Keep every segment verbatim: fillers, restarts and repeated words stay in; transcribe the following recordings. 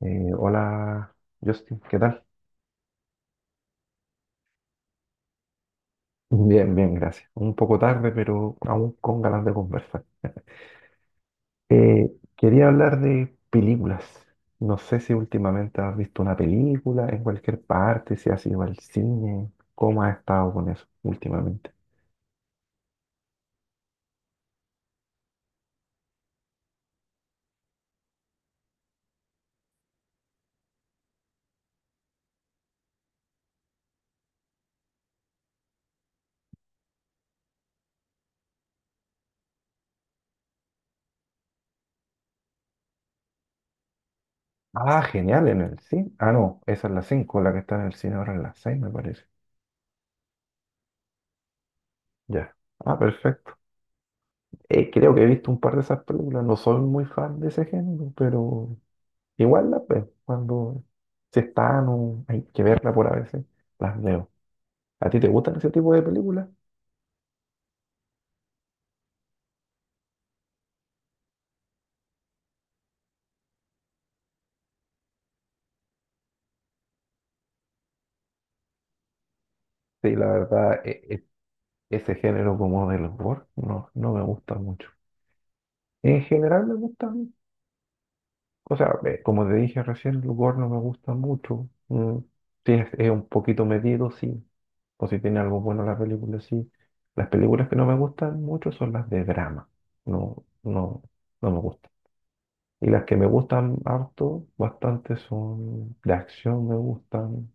Eh, hola, Justin, ¿qué tal? Bien, bien, gracias. Un poco tarde, pero aún con ganas de conversar. Eh, Quería hablar de películas. No sé si últimamente has visto una película en cualquier parte, si has ido al cine, cómo has estado con eso últimamente. Ah, genial, en el cine. Ah, no, esa es la cinco, la que está en el cine ahora es la seis, me parece. Ya. Ah, perfecto. Eh, creo que he visto un par de esas películas. No soy muy fan de ese género, pero igual, la- pues, cuando se están o hay que verla por a veces, las veo. ¿A ti te gustan ese tipo de películas? Sí, la verdad, e- e- ese género como del gore no, no me gusta mucho. En general me gustan, o sea, eh, como te dije recién, el gore no me gusta mucho. Mm, si es, es un poquito medido, sí. O si tiene algo bueno la película, sí. Las películas que no me gustan mucho son las de drama. No, no, no me gustan. Y las que me gustan harto, bastante, son de acción, me gustan.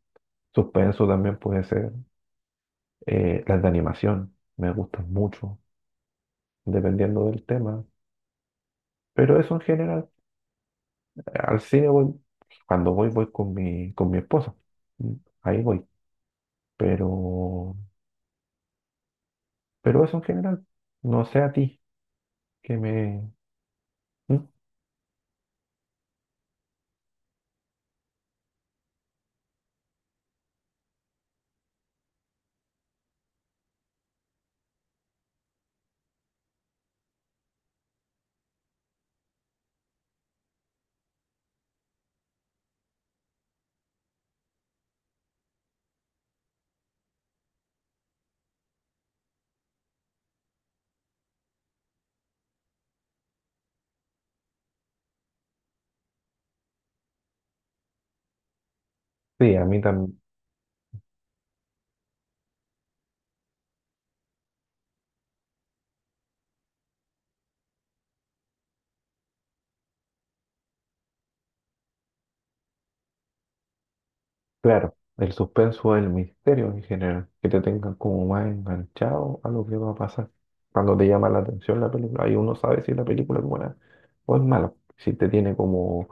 Suspenso también puede ser. Eh, las de animación me gustan mucho, dependiendo del tema. Pero eso en general, al cine voy, cuando voy, voy con mi, con mi esposa. Mm, Ahí voy. Pero, pero eso en general, no sé a ti, que me... Mm. Sí, a mí también. Claro, el suspenso, es el misterio en general, que te tengan como más enganchado a lo que va a pasar. Cuando te llama la atención la película, ahí uno sabe si la película es buena o es mala, si te tiene como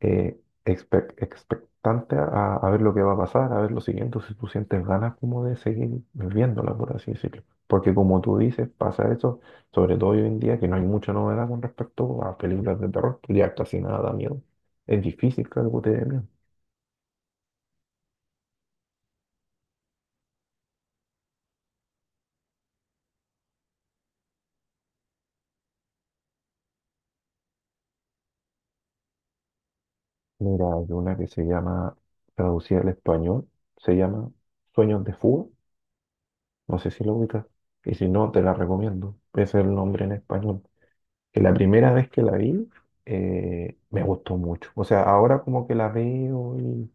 eh, expe- expectante a, a ver lo que va a pasar, a ver lo siguiente, si tú sientes ganas como de seguir viéndola, por así decirlo. Porque como tú dices, pasa eso, sobre todo hoy en día, que no hay mucha novedad con respecto a películas de terror, ya casi nada da miedo. Es difícil que algo te dé miedo. Mira, hay una que se llama, traducida al español, se llama Sueños de Fuga. No sé si lo ubicas. Y si no, te la recomiendo. Ese es el nombre en español. Que la primera vez que la vi, eh, me gustó mucho. O sea, ahora como que la veo y...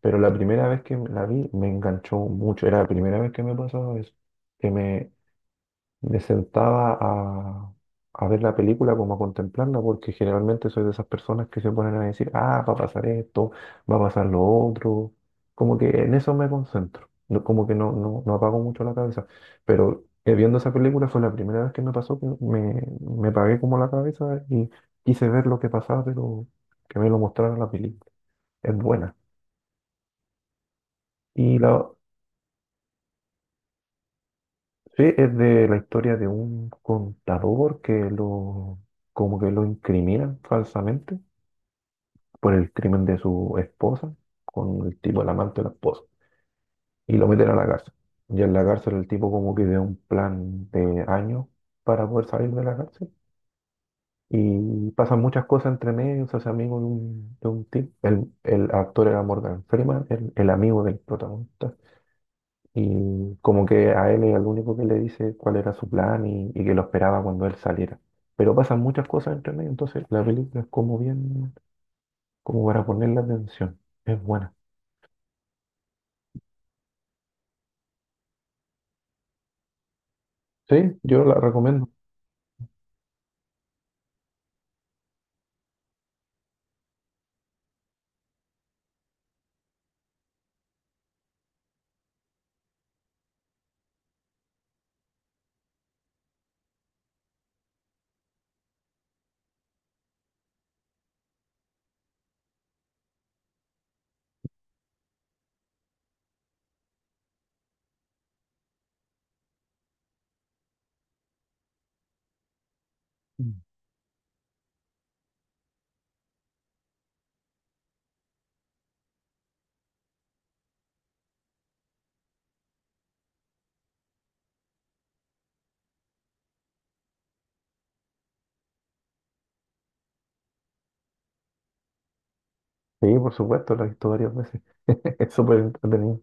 Pero la primera vez que la vi me enganchó mucho. Era la primera vez que me pasaba eso. Que me, me sentaba a, a ver la película como a contemplarla, porque generalmente soy de esas personas que se ponen a decir, ah, va a pasar esto, va a pasar lo otro. Como que en eso me concentro, no- como que no, no, no apago mucho la cabeza. Pero eh, viendo esa película fue la primera vez que me pasó que me, me apagué como la cabeza y quise ver lo que pasaba, pero que me lo mostrara la película. Es buena. Y la, Sí, es de la historia de un contador que lo, como que lo incriminan falsamente por el crimen de su esposa con el tipo, el amante de la esposa, y lo meten a la cárcel. Y en la cárcel el tipo como que ve un plan de años para poder salir de la cárcel. Y pasan muchas cosas entre medio, se hace amigo de un, de un tipo. El, el actor era Morgan Freeman, el, el amigo del protagonista. Y como que a él es el único que le dice cuál era su plan y, y que lo esperaba cuando él saliera. Pero pasan muchas cosas entre medio, entonces la película es como bien, como para ponerle atención. Es buena. Sí, yo la recomiendo. Mm. Sí, por supuesto, la he visto varias veces. Es súper entretenido.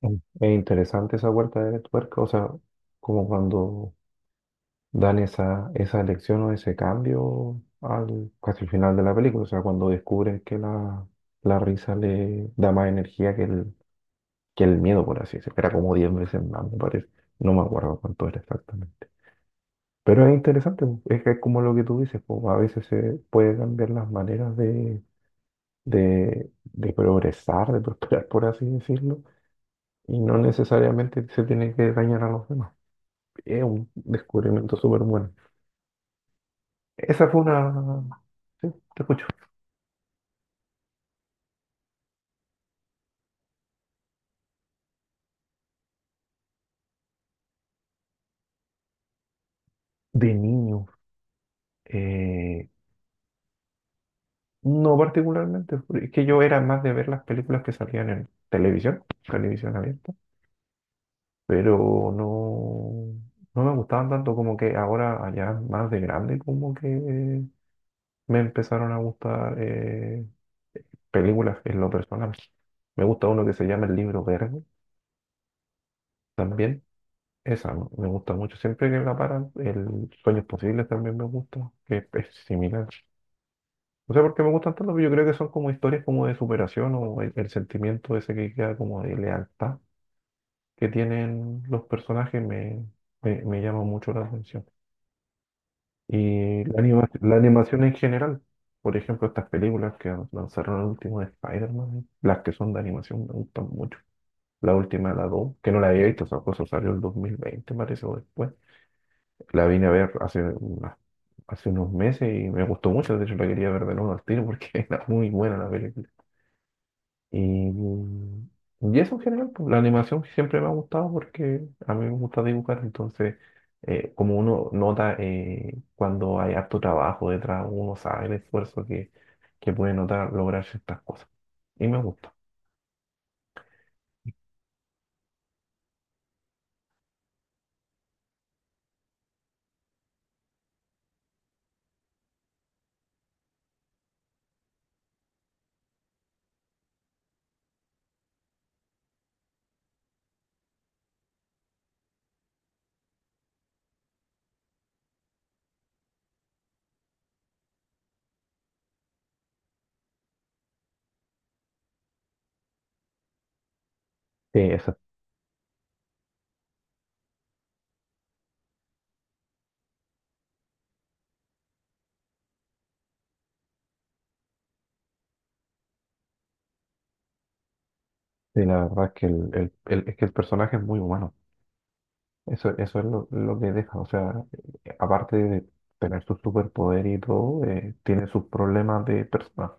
Mm. Es interesante esa vuelta de tuerca, o sea, como cuando dan esa, esa elección o ese cambio al casi al final de la película, o sea, cuando descubres que la, la risa le da más energía que el, que el miedo, por así decirlo. Era como diez veces más, me parece. No me acuerdo cuánto era exactamente. Pero es interesante, po. Es que es como lo que tú dices, po, a veces se puede cambiar las maneras de, de, de progresar, de prosperar, por así decirlo, y no necesariamente se tiene que dañar a los demás. Es un descubrimiento súper bueno. Esa fue una... Sí, te escucho. De niño, eh, no particularmente, porque es que yo era más de ver las películas que salían en televisión, televisión abierta. Pero no, no me gustaban tanto como que ahora, allá más de grande, como que me empezaron a gustar eh, películas en lo personal. Me gusta uno que se llama El Libro Verde, también. Esa me me gusta mucho. Siempre que la paran, el Sueños Posibles también me gusta, que es es similar. No sé por qué me gustan tanto, pero yo creo que son como historias como de superación o el, el sentimiento ese que queda como de lealtad que tienen los personajes me, me, me llama mucho la atención. Y la anima- la animación en general, por ejemplo, estas películas que lanzaron el último de Spider-Man, las que son de animación me gustan mucho. La última, la dos que no la había visto, esa cosa salió el dos mil veinte parece, o después. La vine a ver hace, unas- hace unos meses y me gustó mucho, de hecho la quería ver de nuevo al tiro porque era muy buena la película. Y, y eso en general, pues, la animación siempre me ha gustado porque a mí me gusta dibujar, entonces eh, como uno nota eh, cuando hay harto trabajo detrás, uno sabe el esfuerzo que, que puede notar lograr ciertas cosas. Y me gusta. Sí, eso, sí, la verdad es que el, el- el- es que el personaje es muy humano. Eso, eso es lo, lo que deja. O sea, eh, aparte de tener su superpoder y todo, eh, tiene sus problemas de persona.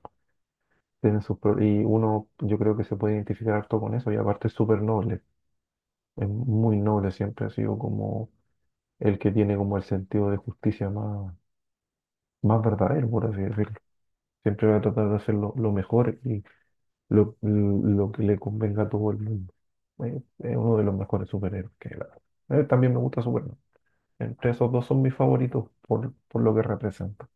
tienen sus pro- Y uno yo creo que se puede identificar harto con eso y aparte es súper noble, es muy noble, siempre ha sido como el que tiene como el sentido de justicia más, más verdadero, por así decirlo. Siempre va a tratar de hacer lo, lo mejor y lo, lo que le convenga a todo el mundo. Eh, Es uno de los mejores superhéroes que hay, la verdad. Eh, también me gusta Superman. Entre esos dos son mis favoritos por, por lo que representa.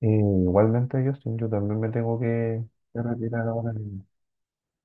Eh, igualmente, Justin, yo también me tengo que que retirar ahora.